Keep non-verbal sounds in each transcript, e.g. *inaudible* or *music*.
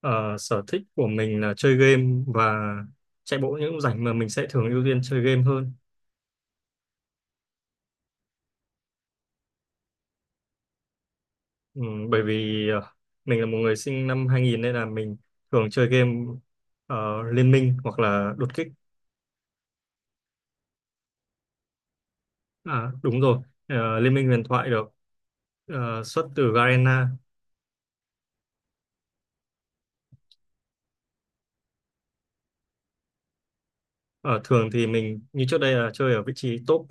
Ờ, Sở thích của mình là chơi game và chạy bộ những lúc rảnh mà mình sẽ thường ưu tiên chơi game hơn. Ừ, bởi vì mình là một người sinh năm 2000 nên là mình thường chơi game ờ, Liên Minh hoặc là Đột Kích. À, đúng rồi, Liên Minh huyền thoại được xuất từ Garena. Ờ, Thường thì mình như trước đây là chơi ở vị trí top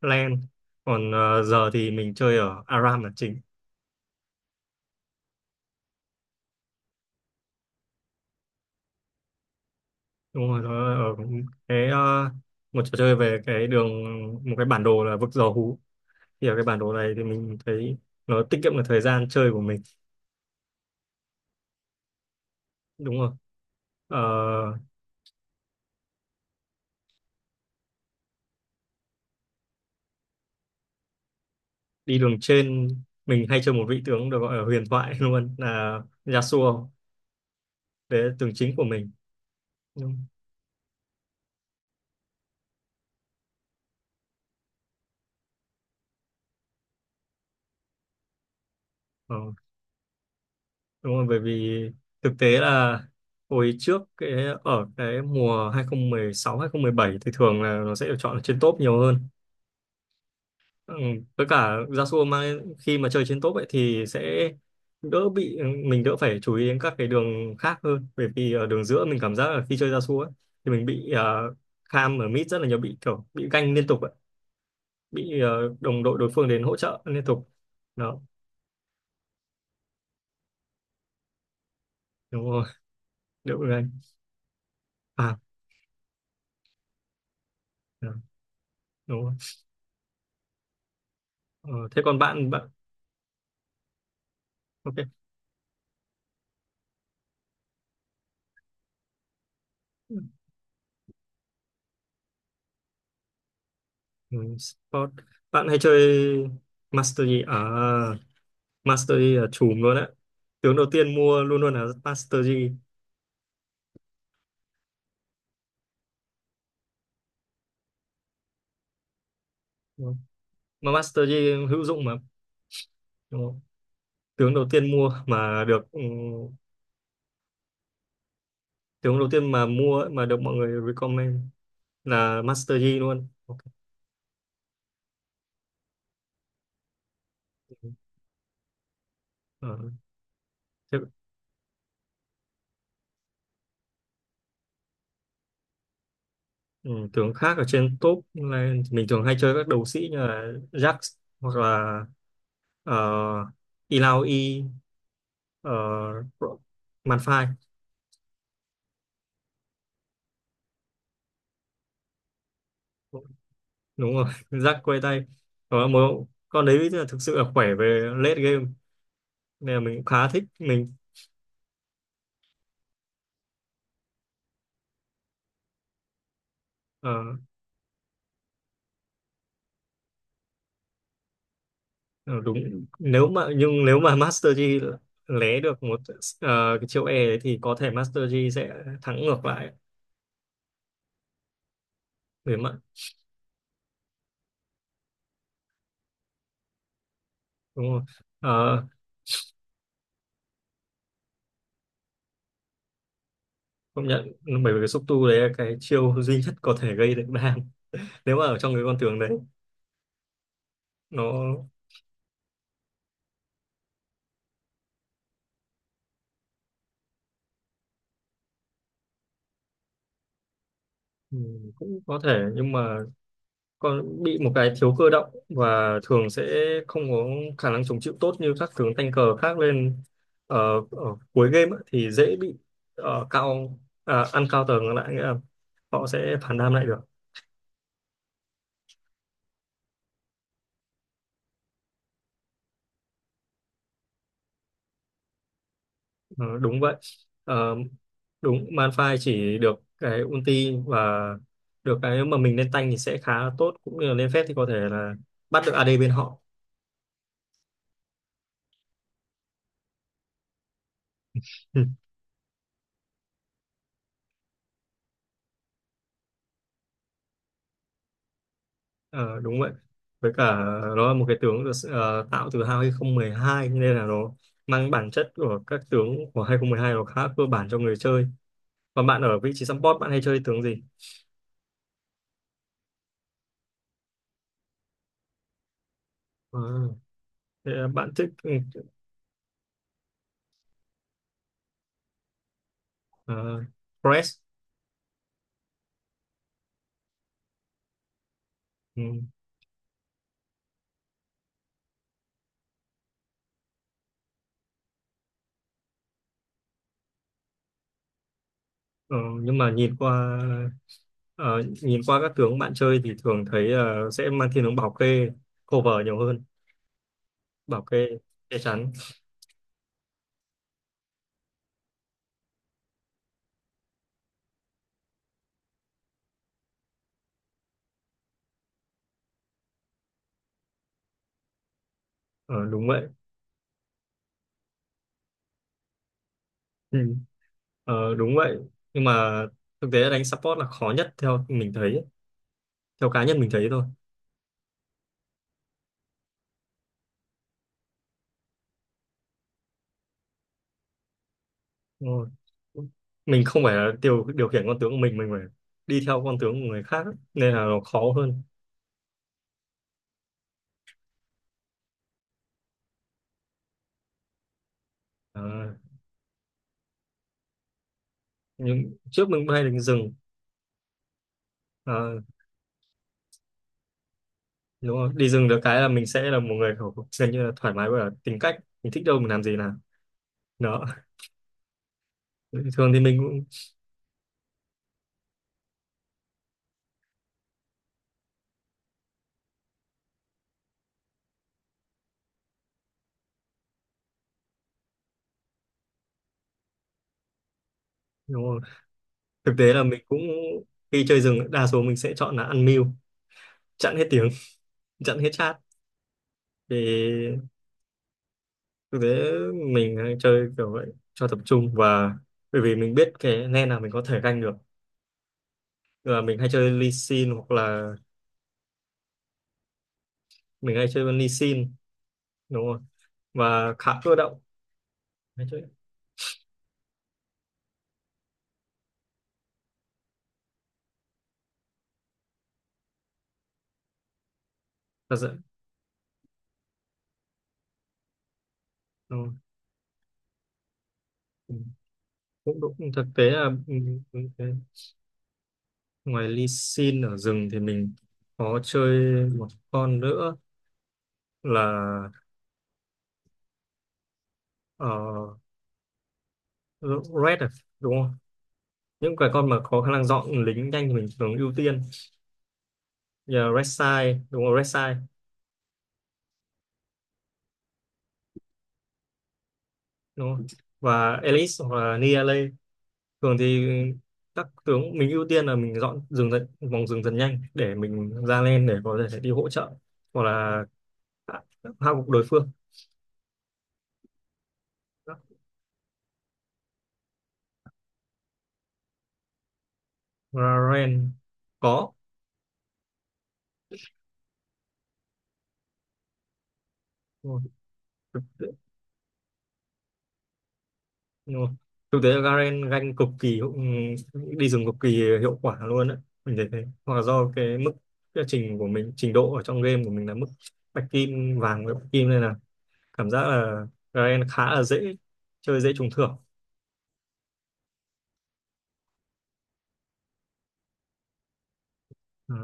lane, còn giờ thì mình chơi ở ARAM là chính. Đúng rồi, nó ở cái một trò chơi về cái đường, một cái bản đồ là vực dò hú, thì ở cái bản đồ này thì mình thấy nó tiết kiệm được thời gian chơi của mình. Đúng rồi. Ờ, Đi đường trên mình hay chơi một vị tướng được gọi là huyền thoại *laughs* luôn là Yasuo, đấy là tướng chính của mình. Đúng, ờ, đúng rồi. Bởi vì thực tế là hồi trước cái ở cái mùa 2016 2017 thì thường là nó sẽ được chọn ở trên top nhiều hơn. Ừ. Với cả Yasuo mang khi mà chơi trên top ấy thì sẽ đỡ bị, mình đỡ phải chú ý đến các cái đường khác hơn, bởi vì ở đường giữa mình cảm giác là khi chơi Yasuo ấy thì mình bị uh, kham ở mid rất là nhiều, bị kiểu bị ganh liên tục ấy. Bị đồng đội đối phương đến hỗ trợ liên tục. Đó, đúng rồi, đỡ bị ganh à. Đó, đúng rồi. Ờ, Thế còn bạn bạn. Ok. Ừ, sport. Bạn hay chơi Master Yi à? Master Yi là chùm luôn á. Tướng đầu tiên mua luôn luôn là Master Yi. Ừ. Mà Master Yi hữu dụng mà. Đúng không? Tướng đầu tiên mua mà được, tướng đầu tiên mà mua ấy, mà được mọi người recommend là Master Yi luôn. Ok. Ờ, Thế, ừ, tướng khác ở trên top là mình thường hay chơi các đấu sĩ như là Jax hoặc là uh, Illaoi, uh, Malphite. Đúng rồi. *laughs* Rắc quay tay, đó mà. Con đấy là thực sự là khỏe về late game nên là mình cũng khá thích. Mình ờ, ờ, đúng, nếu mà, nhưng nếu mà Master Yi lé được một cái chiêu E đấy thì có thể Master Yi sẽ thắng ngược lại về mặt, đúng không? Ờ, Công nhận. Bởi vì cái xúc tu đấy là cái chiêu duy nhất có thể gây được đam nếu mà ở trong cái con tướng đấy. Nó, ừ, cũng có thể, nhưng mà con bị một cái thiếu cơ động và thường sẽ không có khả năng chống chịu tốt như các tướng tank cờ khác lên. ờ, Ở cuối game ấy thì dễ bị cao, à, ăn cao tầng lại, nghĩa là họ sẽ phản đam lại được. Ờ, Đúng vậy. Ờ, Đúng, Malphite chỉ được cái ulti và được cái mà mình lên tank thì sẽ khá là tốt, cũng như là lên phép thì có thể là bắt được AD bên họ. Ừ. Ờ, Đúng vậy. Với cả nó là một cái tướng được tạo từ 2012 nên là nó mang bản chất của các tướng của 2012, nó khá cơ bản cho người chơi. Còn bạn ở vị trí support bạn hay chơi tướng gì? Ờ, Thế là bạn thích uh, press. Ừ. Ờ, nhưng mà nhìn qua, nhìn qua các tướng bạn chơi thì thường thấy sẽ mang thiên hướng bảo kê, cover nhiều hơn, bảo kê, che chắn. Ờ, Đúng vậy. Ừ. Đúng vậy, nhưng mà thực tế đánh support là khó nhất theo mình thấy, theo cá nhân mình thấy thôi. Đúng rồi. Mình không phải là điều điều khiển con tướng của mình phải đi theo con tướng của người khác ấy, nên là nó khó hơn. à, nhưng trước mình cũng hay đánh rừng. À, đúng rồi. Đi rừng được cái là mình sẽ là một người kiểu gần như là thoải mái, và tính cách mình thích đâu mình làm gì nào đó, thường thì mình cũng đúng rồi. Thực tế là mình cũng, khi chơi rừng đa số mình sẽ chọn là ăn mưu, chặn hết tiếng, *laughs* chặn hết chat, để thực tế mình hay chơi kiểu vậy cho tập trung, và bởi vì mình biết cái lane nào mình có thể ganh được là mình hay chơi Lee Sin hoặc là mình hay chơi con Lee Sin, đúng không? Và khá cơ động, hay chơi. Thật sự, đúng không? Ừ. Cũng đúng, thực tế là, thế. Ngoài Lee Sin ở rừng thì mình có chơi một con nữa là uh, Red à? Đúng không? Những cái con mà có khả năng dọn lính nhanh thì mình thường ưu tiên. Giờ Red Side đúng không? Red Side đúng không? Và Elise hoặc là Niale. Thường thì các tướng mình ưu tiên là mình dọn rừng dần, vòng rừng dần nhanh để mình ra lên, để có thể đi hỗ trợ hoặc là hạ hạ gục đối phương. Garen có. Đúng rồi. Thực tế, đúng rồi. Thực tế là Garen ganh cực kỳ đi rừng cực kỳ hiệu quả luôn đấy, mình thấy thế. Hoặc là do cái mức, cái trình của mình, trình độ ở trong game của mình là mức bạch kim vàng với bạch kim, nên là cảm giác là Garen khá là dễ chơi dễ trúng thưởng. À,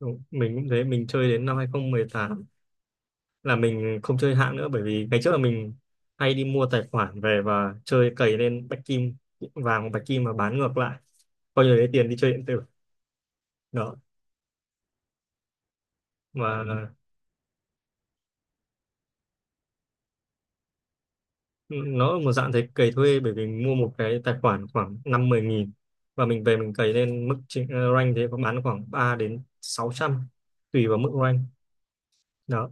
đúng. Mình cũng thế, mình chơi đến năm 2018 là mình không chơi hạng nữa, bởi vì ngày trước là mình hay đi mua tài khoản về và chơi cày lên bạch kim vàng hoặc bạch kim và bán ngược lại, coi như lấy tiền đi chơi điện tử. Đó. Và nó là một dạng thế, cày thuê, bởi vì mình mua một cái tài khoản khoảng năm mười nghìn, và mình về mình cày lên mức rank thế có bán khoảng 3 đến sáu trăm, tùy vào mức rank. Đó.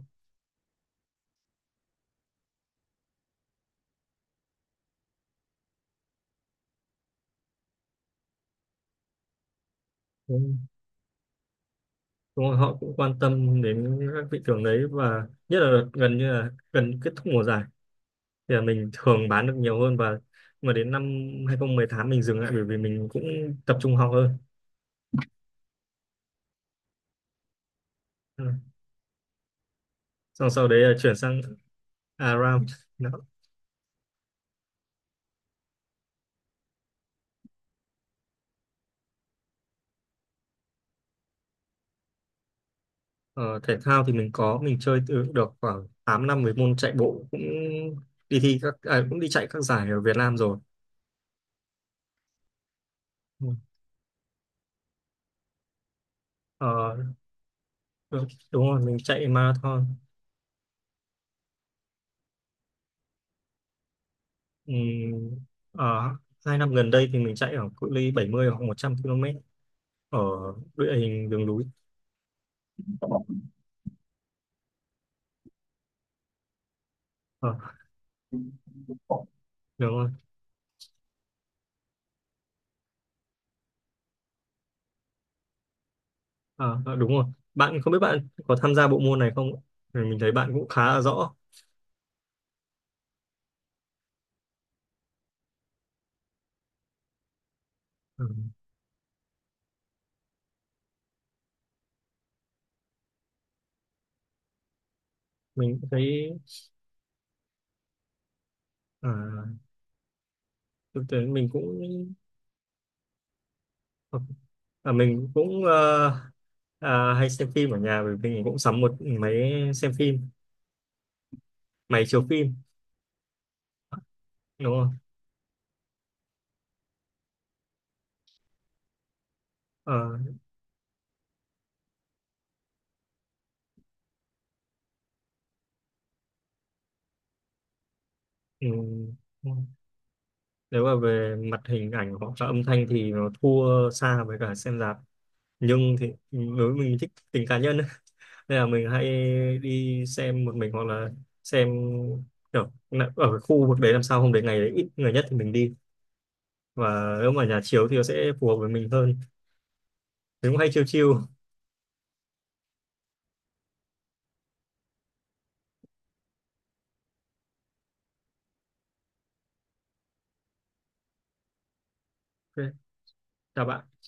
Đúng rồi, họ cũng quan tâm đến các thị trường đấy và nhất là đợt gần như là gần kết thúc mùa giải thì là mình thường bán được nhiều hơn. Và mà đến năm 2018 mình dừng lại bởi vì mình cũng tập trung học hơn. Ừ. Xong sau đấy là chuyển sang ARAM. Đó. Ờ, Thể thao thì mình có, mình chơi từ được khoảng 8 năm với môn chạy bộ, cũng đi thi các, à, cũng đi chạy các giải ở Việt Nam rồi. Ừ. Ờ, Đúng, rồi mình chạy marathon. Ừ, ở 2 năm gần đây thì mình chạy ở cự ly 70 hoặc 100 km ở địa hình đường núi. Ờ, đúng rồi. Ờ, đúng rồi. Bạn không biết bạn có tham gia bộ môn này không? Ừ, mình thấy bạn cũng khá là rõ. Ừ, mình cũng thấy, à, thực tế mình cũng ờ, à, mình cũng à, hay xem phim ở nhà, bởi vì mình cũng sắm một máy xem phim, máy chiếu phim, đúng không? Ờ, ừ. Nếu mà về mặt hình ảnh hoặc là âm thanh thì nó thua xa với cả xem rạp, nhưng thì đối với mình thích tính cá nhân ấy. *laughs* Nên là mình hay đi xem một mình, hoặc là xem kiểu là ở cái khu vực đấy, làm sao hôm đấy ngày đấy ít người nhất thì mình đi, và nếu mà nhà chiếu thì nó sẽ phù hợp với mình hơn. Mình cũng hay chill chill. Ok, chào bạn.